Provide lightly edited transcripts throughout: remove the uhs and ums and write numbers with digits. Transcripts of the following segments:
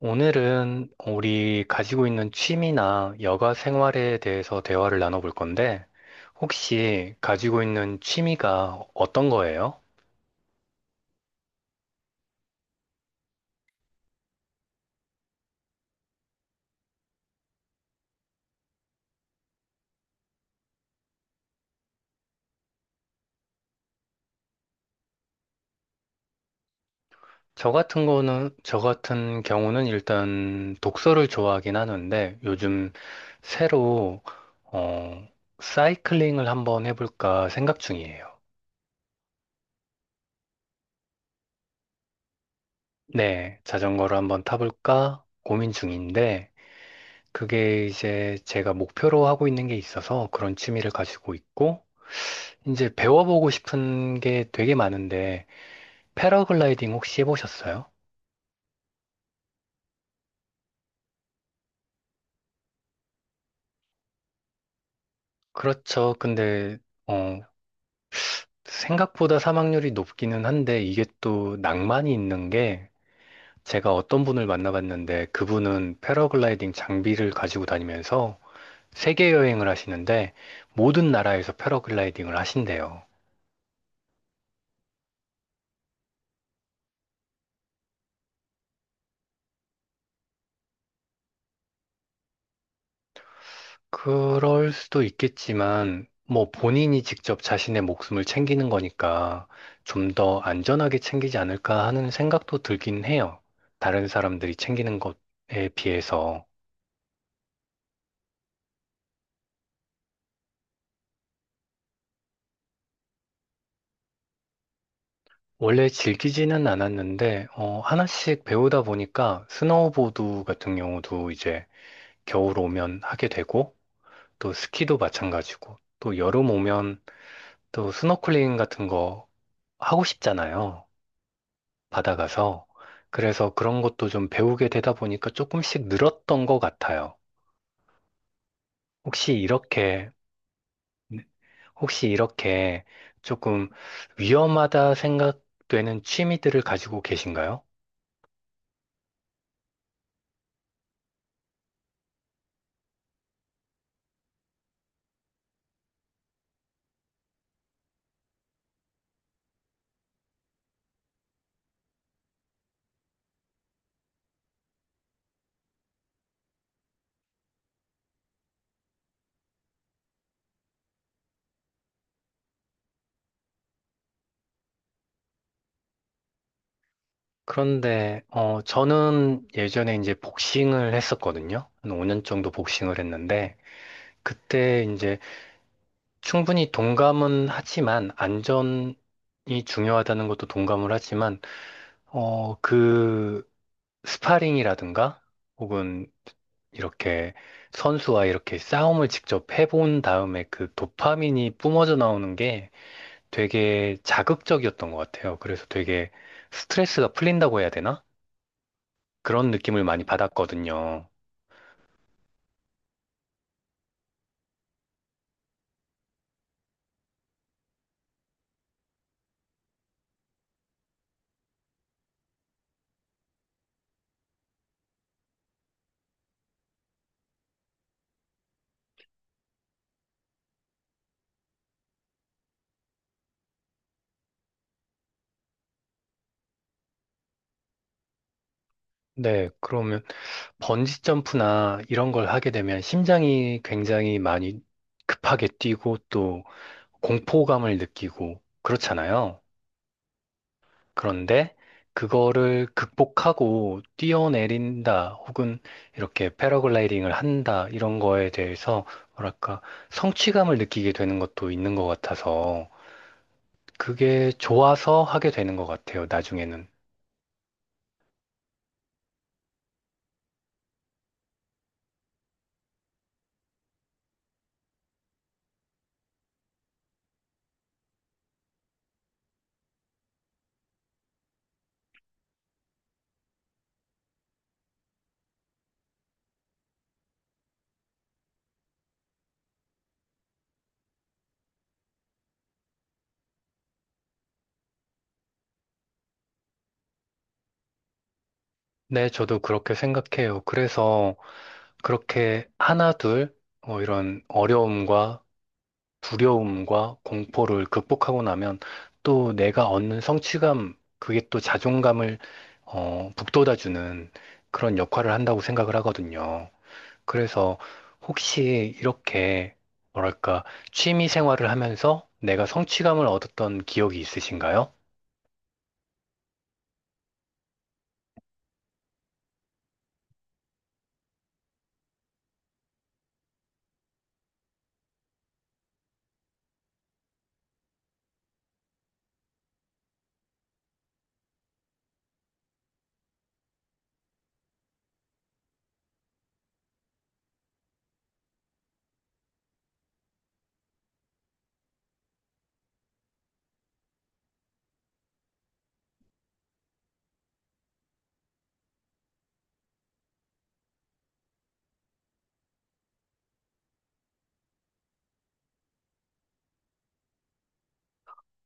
오늘은 우리 가지고 있는 취미나 여가 생활에 대해서 대화를 나눠볼 건데, 혹시 가지고 있는 취미가 어떤 거예요? 저 같은 경우는 일단 독서를 좋아하긴 하는데, 요즘 새로, 어, 사이클링을 한번 해볼까 생각 중이에요. 네, 자전거를 한번 타볼까 고민 중인데, 그게 이제 제가 목표로 하고 있는 게 있어서 그런 취미를 가지고 있고, 이제 배워보고 싶은 게 되게 많은데, 패러글라이딩 혹시 해보셨어요? 그렇죠. 근데, 어, 생각보다 사망률이 높기는 한데, 이게 또 낭만이 있는 게, 제가 어떤 분을 만나봤는데, 그분은 패러글라이딩 장비를 가지고 다니면서 세계 여행을 하시는데, 모든 나라에서 패러글라이딩을 하신대요. 그럴 수도 있겠지만, 뭐 본인이 직접 자신의 목숨을 챙기는 거니까 좀 더 안전하게 챙기지 않을까 하는 생각도 들긴 해요. 다른 사람들이 챙기는 것에 비해서. 원래 즐기지는 않았는데, 어, 하나씩 배우다 보니까 스노우보드 같은 경우도 이제 겨울 오면 하게 되고, 또 스키도 마찬가지고, 또 여름 오면 또 스노클링 같은 거 하고 싶잖아요. 받아가서. 그래서 그런 것도 좀 배우게 되다 보니까 조금씩 늘었던 것 같아요. 혹시 이렇게, 혹시 이렇게 조금 위험하다 생각되는 취미들을 가지고 계신가요? 그런데, 저는 예전에 이제 복싱을 했었거든요. 한 5년 정도 복싱을 했는데, 그때 이제 충분히 동감은 하지만 안전이 중요하다는 것도 동감을 하지만 그 스파링이라든가 혹은 이렇게 선수와 이렇게 싸움을 직접 해본 다음에 그 도파민이 뿜어져 나오는 게 되게 자극적이었던 것 같아요. 그래서 되게 스트레스가 풀린다고 해야 되나? 그런 느낌을 많이 받았거든요. 네, 그러면 번지 점프나 이런 걸 하게 되면 심장이 굉장히 많이 급하게 뛰고 또 공포감을 느끼고 그렇잖아요. 그런데 그거를 극복하고 뛰어내린다 혹은 이렇게 패러글라이딩을 한다 이런 거에 대해서 뭐랄까 성취감을 느끼게 되는 것도 있는 것 같아서 그게 좋아서 하게 되는 것 같아요, 나중에는. 네, 저도 그렇게 생각해요. 그래서 그렇게 하나, 둘, 이런 어려움과 두려움과 공포를 극복하고 나면 또 내가 얻는 성취감, 그게 또 자존감을 북돋아주는 그런 역할을 한다고 생각을 하거든요. 그래서 혹시 이렇게 뭐랄까 취미 생활을 하면서 내가 성취감을 얻었던 기억이 있으신가요?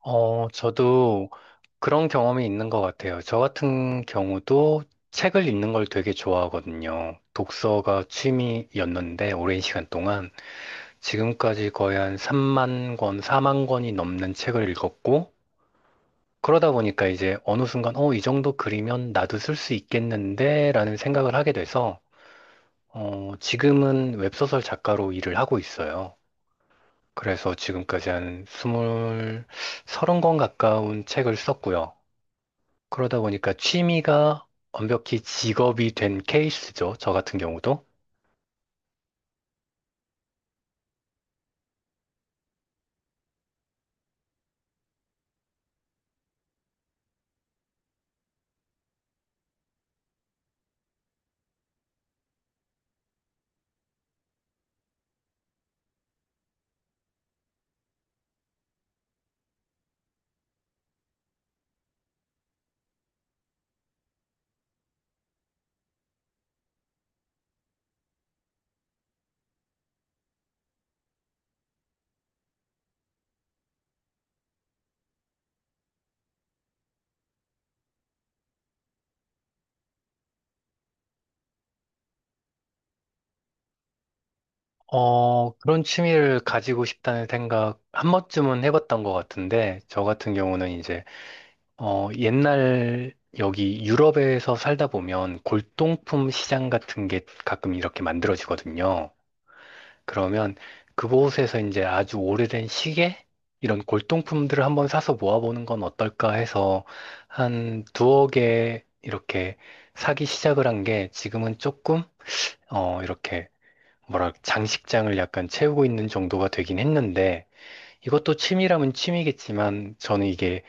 저도 그런 경험이 있는 것 같아요. 저 같은 경우도 책을 읽는 걸 되게 좋아하거든요. 독서가 취미였는데 오랜 시간 동안 지금까지 거의 한 3만 권, 4만 권이 넘는 책을 읽었고, 그러다 보니까 이제 어느 순간, 어, 이 정도 그리면 나도 쓸 수 있겠는데? 라는 생각을 하게 돼서, 지금은 웹소설 작가로 일을 하고 있어요. 그래서 지금까지 한 스물, 서른 권 가까운 책을 썼고요. 그러다 보니까 취미가 완벽히 직업이 된 케이스죠. 저 같은 경우도. 어, 그런 취미를 가지고 싶다는 생각 한 번쯤은 해봤던 것 같은데, 저 같은 경우는 이제, 옛날 여기 유럽에서 살다 보면 골동품 시장 같은 게 가끔 이렇게 만들어지거든요. 그러면 그곳에서 이제 아주 오래된 시계? 이런 골동품들을 한번 사서 모아보는 건 어떨까 해서 한 두어 개 이렇게 사기 시작을 한 게 지금은 조금, 이렇게 뭐라 장식장을 약간 채우고 있는 정도가 되긴 했는데 이것도 취미라면 취미겠지만 저는 이게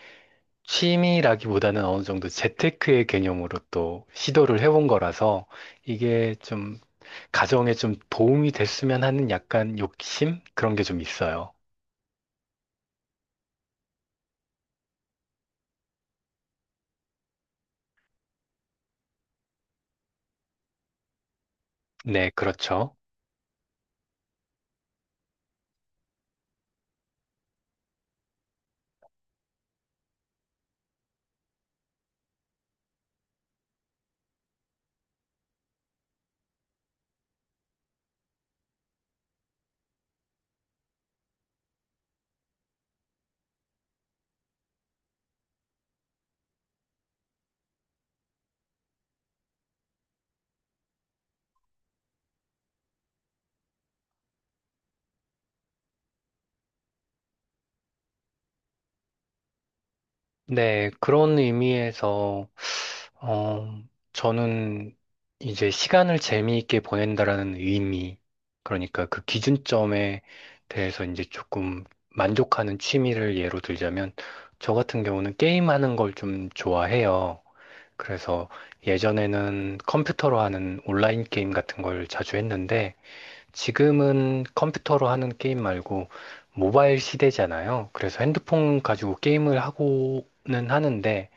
취미라기보다는 어느 정도 재테크의 개념으로 또 시도를 해본 거라서 이게 좀 가정에 좀 도움이 됐으면 하는 약간 욕심? 그런 게 좀 있어요. 네, 그렇죠. 네, 그런 의미에서 어, 저는 이제 시간을 재미있게 보낸다라는 의미, 그러니까 그 기준점에 대해서 이제 조금 만족하는 취미를 예로 들자면, 저 같은 경우는 게임하는 걸 좀 좋아해요. 그래서 예전에는 컴퓨터로 하는 온라인 게임 같은 걸 자주 했는데, 지금은 컴퓨터로 하는 게임 말고 모바일 시대잖아요. 그래서 핸드폰 가지고 게임을 하고는 하는데,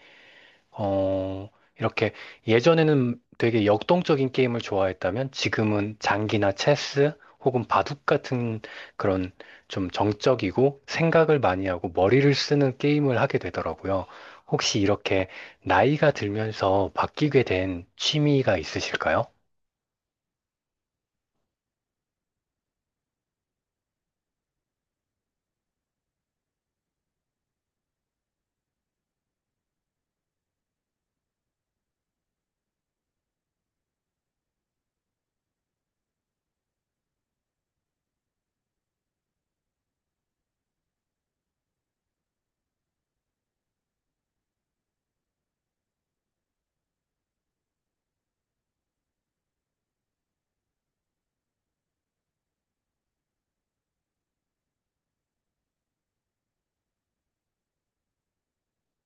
어, 이렇게 예전에는 되게 역동적인 게임을 좋아했다면 지금은 장기나 체스 혹은 바둑 같은 그런 좀 정적이고 생각을 많이 하고 머리를 쓰는 게임을 하게 되더라고요. 혹시 이렇게 나이가 들면서 바뀌게 된 취미가 있으실까요?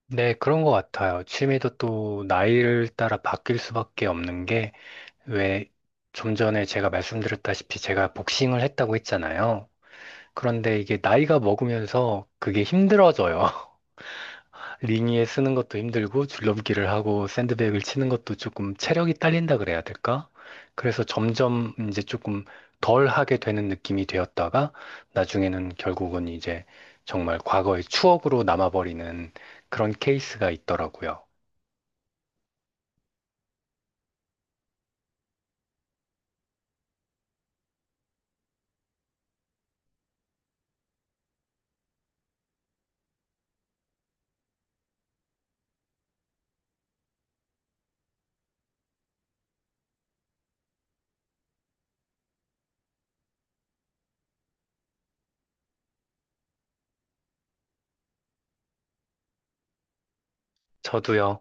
네, 그런 것 같아요. 취미도 또 나이를 따라 바뀔 수밖에 없는 게 왜 좀 전에 제가 말씀드렸다시피 제가 복싱을 했다고 했잖아요. 그런데 이게 나이가 먹으면서 그게 힘들어져요. 링니에 쓰는 것도 힘들고 줄넘기를 하고 샌드백을 치는 것도 조금 체력이 딸린다 그래야 될까? 그래서 점점 이제 조금 덜 하게 되는 느낌이 되었다가 나중에는 결국은 이제 정말 과거의 추억으로 남아버리는 그런 케이스가 있더라고요. 저도요.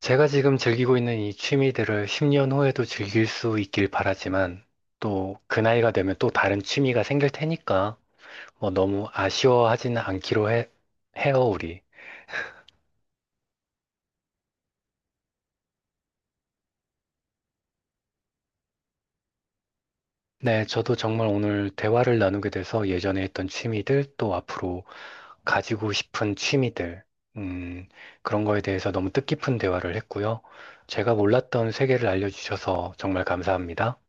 제가 지금 즐기고 있는 이 취미들을 10년 후에도 즐길 수 있길 바라지만 또 그 나이가 되면 또 다른 취미가 생길 테니까 너무 아쉬워하지는 않기로 해요, 우리. 네, 저도 정말 오늘 대화를 나누게 돼서 예전에 했던 취미들, 또 앞으로 가지고 싶은 취미들, 음, 그런 거에 대해서 너무 뜻깊은 대화를 했고요. 제가 몰랐던 세계를 알려주셔서 정말 감사합니다.